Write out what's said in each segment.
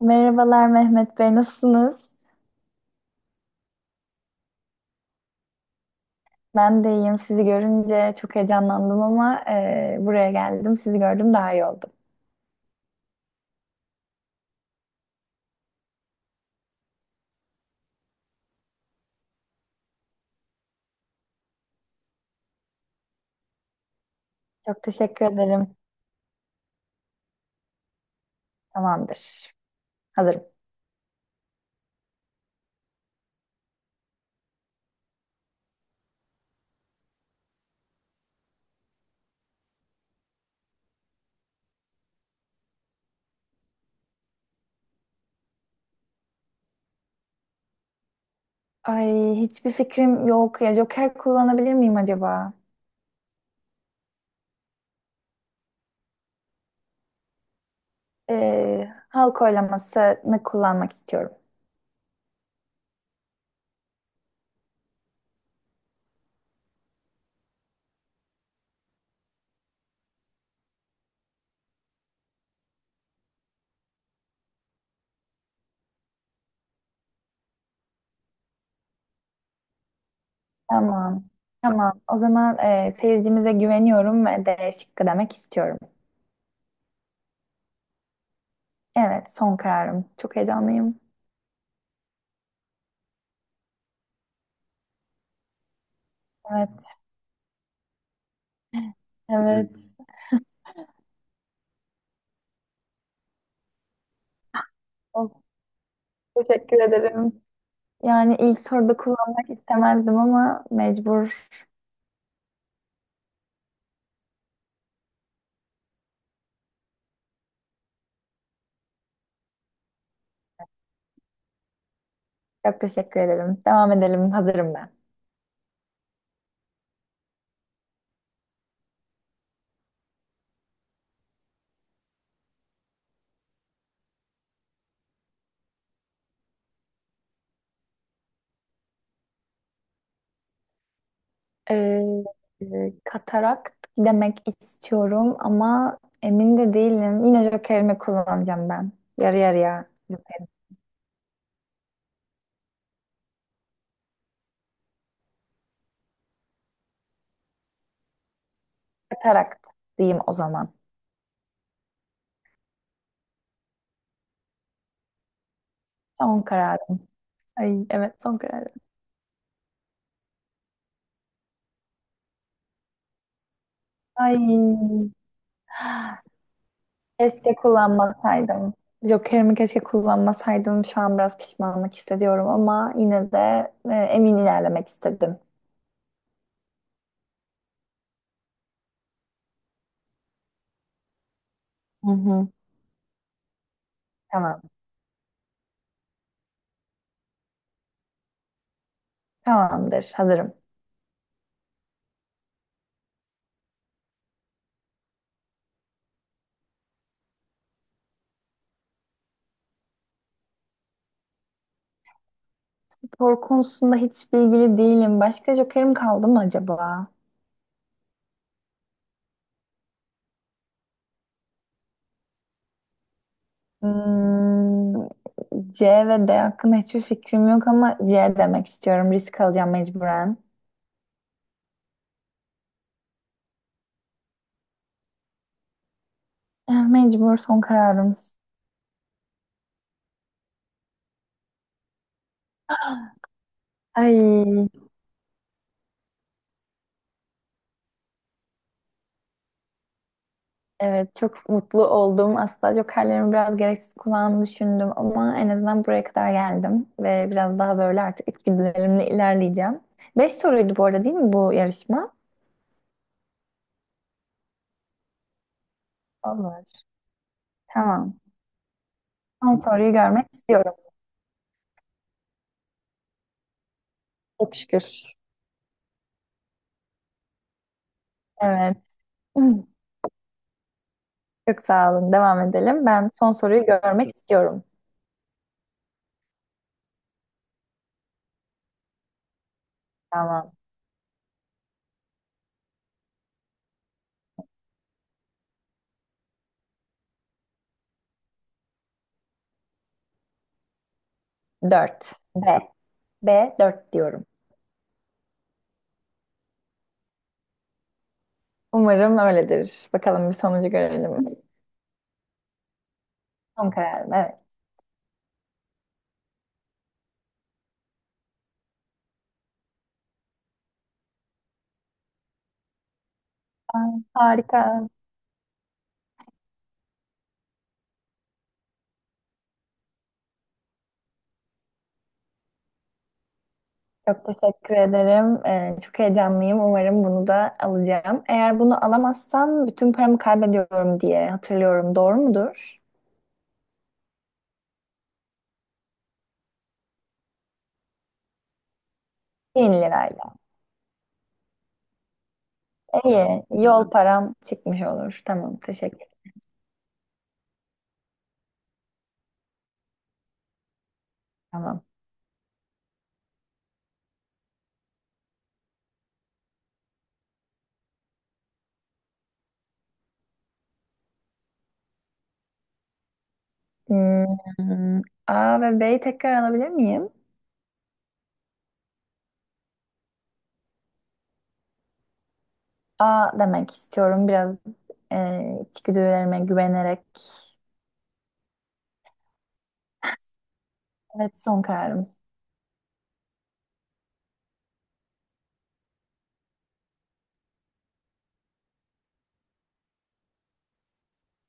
Merhabalar Mehmet Bey, nasılsınız? Ben de iyiyim. Sizi görünce çok heyecanlandım ama buraya geldim. Sizi gördüm daha iyi oldum. Çok teşekkür ederim. Tamamdır. Hazırım. Ay hiçbir fikrim yok ya. Joker kullanabilir miyim acaba? Halk oylamasını kullanmak istiyorum. Tamam. Tamam. O zaman seyircimize güveniyorum ve D şıkkı demek istiyorum. Evet, son kararım. Çok heyecanlıyım. Evet. Evet. Of, teşekkür ederim. Yani ilk soruda kullanmak istemezdim ama mecbur. Çok teşekkür ederim. Devam edelim. Hazırım ben. Ee, Katarakt demek istiyorum ama emin de değilim. Yine jokerimi kullanacağım ben. Yarı yarıya. Katarakt diyeyim o zaman. Son kararım. Ay evet son kararım. Ay keşke kullanmasaydım. Jokerimi keşke kullanmasaydım. Şu an biraz pişmanlık hissediyorum ama yine de emin ilerlemek istedim. Hı hı. Tamam. Tamamdır. Hazırım. Spor konusunda hiç bilgili değilim. Başka jokerim kaldı mı acaba? Hmm, C ve D hakkında hiçbir fikrim yok ama C demek istiyorum. Risk alacağım mecburen. Mecbur son kararım. Ay, evet, çok mutlu oldum. Aslında jokerlerimi biraz gereksiz kullandığını düşündüm ama en azından buraya kadar geldim ve biraz daha böyle artık içgüdülerimle ilerleyeceğim. Beş soruydu bu arada değil mi bu yarışma? Olur. Tamam. Son soruyu görmek istiyorum. Çok şükür. Evet. Hmm. Çok sağ olun. Devam edelim. Ben son soruyu görmek istiyorum. Tamam. Dört. B. B dört diyorum. Umarım öyledir. Bakalım bir sonucu görelim. Son kararım. Evet. Aa, harika. Çok teşekkür ederim. Çok heyecanlıyım. Umarım bunu da alacağım. Eğer bunu alamazsam bütün paramı kaybediyorum diye hatırlıyorum. Doğru mudur? Bin lirayla. İyi. Yol param çıkmış olur. Tamam. Teşekkür. Tamam. Hmm, A ve B'yi tekrar alabilir miyim? A demek istiyorum. Biraz e, içgüdülerime güvenerek. Evet son kararım.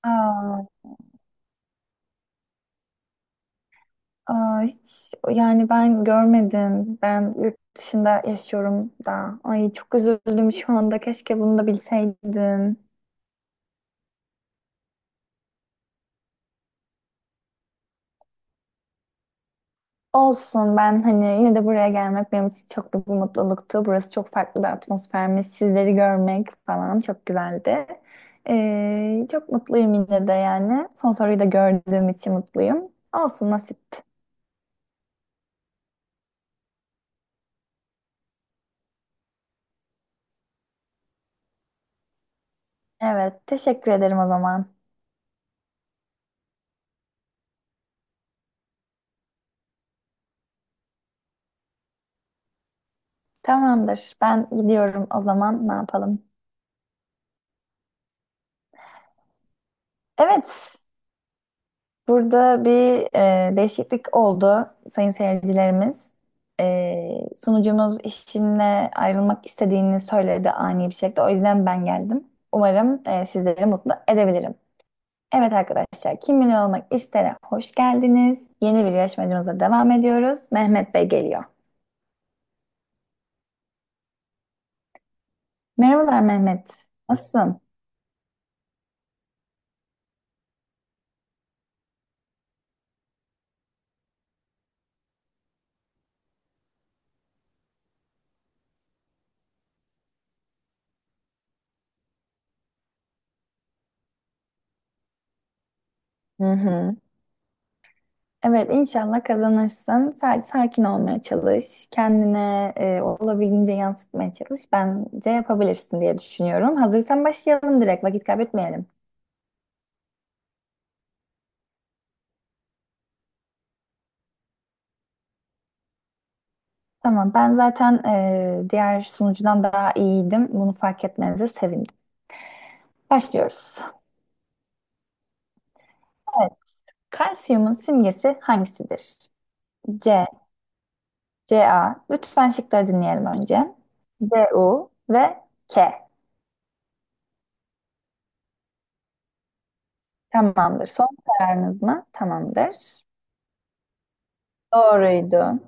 A. Aa, hiç, yani ben görmedim. Ben yurt dışında yaşıyorum da. Ay çok üzüldüm şu anda. Keşke bunu da bilseydim. Olsun, ben hani yine de buraya gelmek benim için çok büyük bir mutluluktu. Burası çok farklı bir atmosfermiş. Sizleri görmek falan çok güzeldi. Çok mutluyum yine de yani. Son soruyu da gördüğüm için mutluyum. Olsun, nasip. Evet, teşekkür ederim o zaman. Tamamdır. Ben gidiyorum o zaman, ne yapalım? Evet, burada bir değişiklik oldu sayın seyircilerimiz. Sunucumuz işinle ayrılmak istediğini söyledi ani bir şekilde. O yüzden ben geldim. Umarım sizleri mutlu edebilirim. Evet arkadaşlar, Kim Milyon Olmak İster'e hoş geldiniz. Yeni bir yarışmacımıza devam ediyoruz. Mehmet Bey geliyor. Merhabalar Mehmet, nasılsın? Hı hı. Evet, inşallah kazanırsın. Sadece sakin olmaya çalış. Kendine olabildiğince yansıtmaya çalış. Bence yapabilirsin diye düşünüyorum. Hazırsan başlayalım direkt. Vakit kaybetmeyelim. Tamam, ben zaten diğer sunucudan daha iyiydim. Bunu fark etmenize sevindim. Başlıyoruz. Evet. Kalsiyumun simgesi hangisidir? C, Ca. Lütfen şıkları dinleyelim önce. Cu ve K. Tamamdır. Son kararınız mı? Tamamdır. Doğruydu.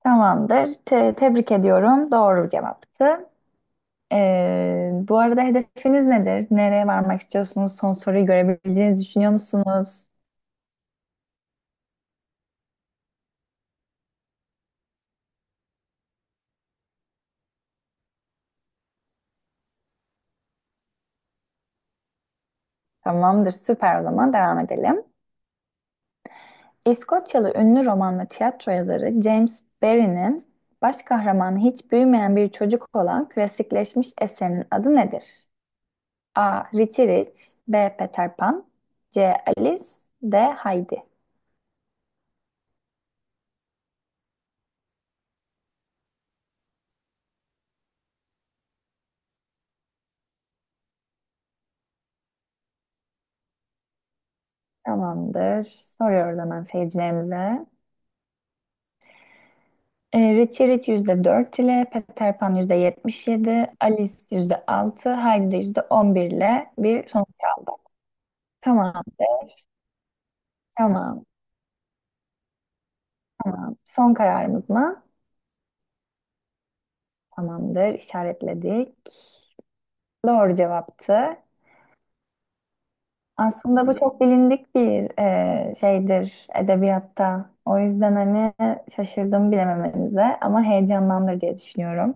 Tamamdır. Tebrik ediyorum. Doğru cevaptı. Bu arada, hedefiniz nedir? Nereye varmak istiyorsunuz? Son soruyu görebileceğinizi düşünüyor musunuz? Tamamdır. Süper, o zaman devam edelim. İskoçyalı ünlü roman ve tiyatro yazarı James Barrie'nin baş kahramanı hiç büyümeyen bir çocuk olan klasikleşmiş eserinin adı nedir? A. Richie Rich. B. Peter Pan. C. Alice. D. Heidi. Tamamdır. Soruyoruz hemen seyircilerimize. Richie Rich %4 ile, Peter Pan %77, Alice %6, Heidi de %11 ile bir sonuç aldık. Tamamdır, tamam. Son kararımız mı? Tamamdır, işaretledik. Doğru cevaptı. Aslında bu çok bilindik bir şeydir edebiyatta. O yüzden hani şaşırdım bilememenize ama heyecanlandır diye düşünüyorum.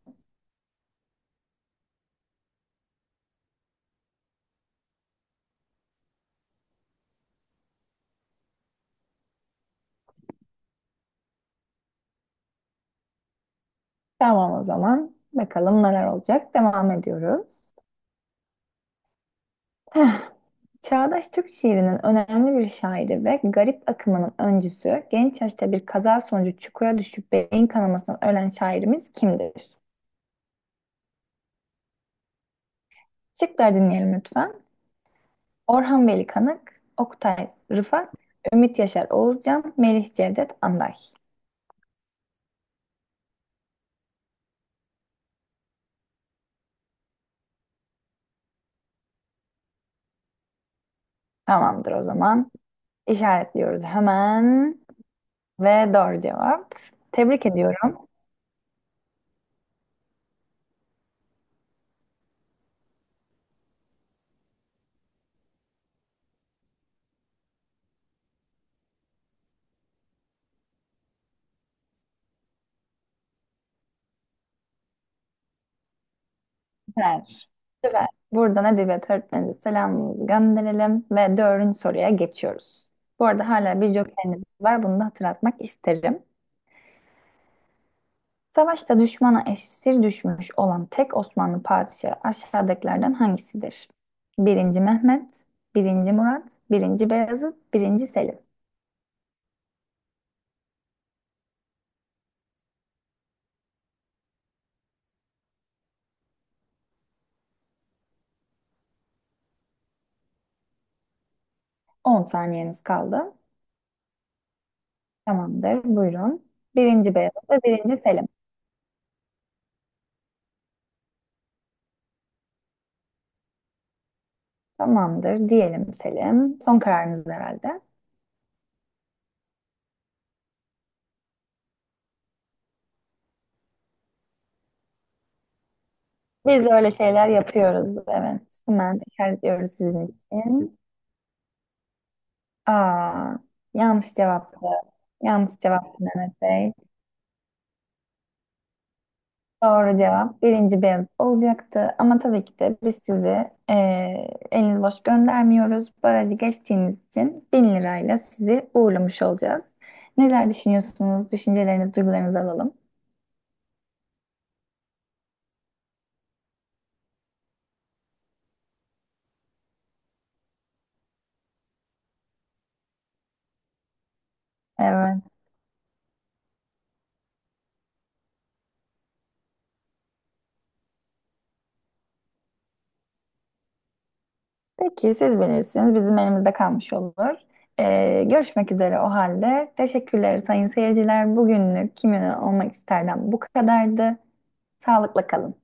Tamam o zaman. Bakalım neler olacak. Devam ediyoruz. Çağdaş Türk şiirinin önemli bir şairi ve garip akımının öncüsü, genç yaşta bir kaza sonucu çukura düşüp beyin kanamasından ölen şairimiz kimdir? Şıkları dinleyelim lütfen. Orhan Veli Kanık, Oktay Rıfat, Ümit Yaşar Oğuzcan, Melih Cevdet Anday. Tamamdır o zaman. İşaretliyoruz hemen. Ve doğru cevap. Tebrik ediyorum. Süper. Süper. Buradan edebiyat öğretmenimize selamımızı gönderelim ve dördüncü soruya geçiyoruz. Bu arada hala bir jokeriniz var. Bunu da hatırlatmak isterim. Savaşta düşmana esir düşmüş olan tek Osmanlı padişahı aşağıdakilerden hangisidir? Birinci Mehmet, birinci Murat, birinci Beyazıt, birinci Selim. On saniyeniz kaldı. Tamamdır. Buyurun. Birinci Beyazıt ve birinci Selim. Tamamdır. Diyelim Selim. Son kararınız herhalde. Biz de öyle şeyler yapıyoruz. Evet. Hemen işaretliyoruz sizin için. Aa, yanlış cevaptı. Yanlış cevaptı Mehmet Bey. Doğru cevap birinci Beyaz olacaktı. Ama tabii ki de biz sizi eliniz boş göndermiyoruz. Barajı geçtiğiniz için 1000 lirayla sizi uğurlamış olacağız. Neler düşünüyorsunuz? Düşüncelerinizi, duygularınızı alalım. Evet. Peki, siz bilirsiniz. Bizim elimizde kalmış olur. Görüşmek üzere o halde. Teşekkürler sayın seyirciler. Bugünlük kimin olmak isterden bu kadardı. Sağlıkla kalın.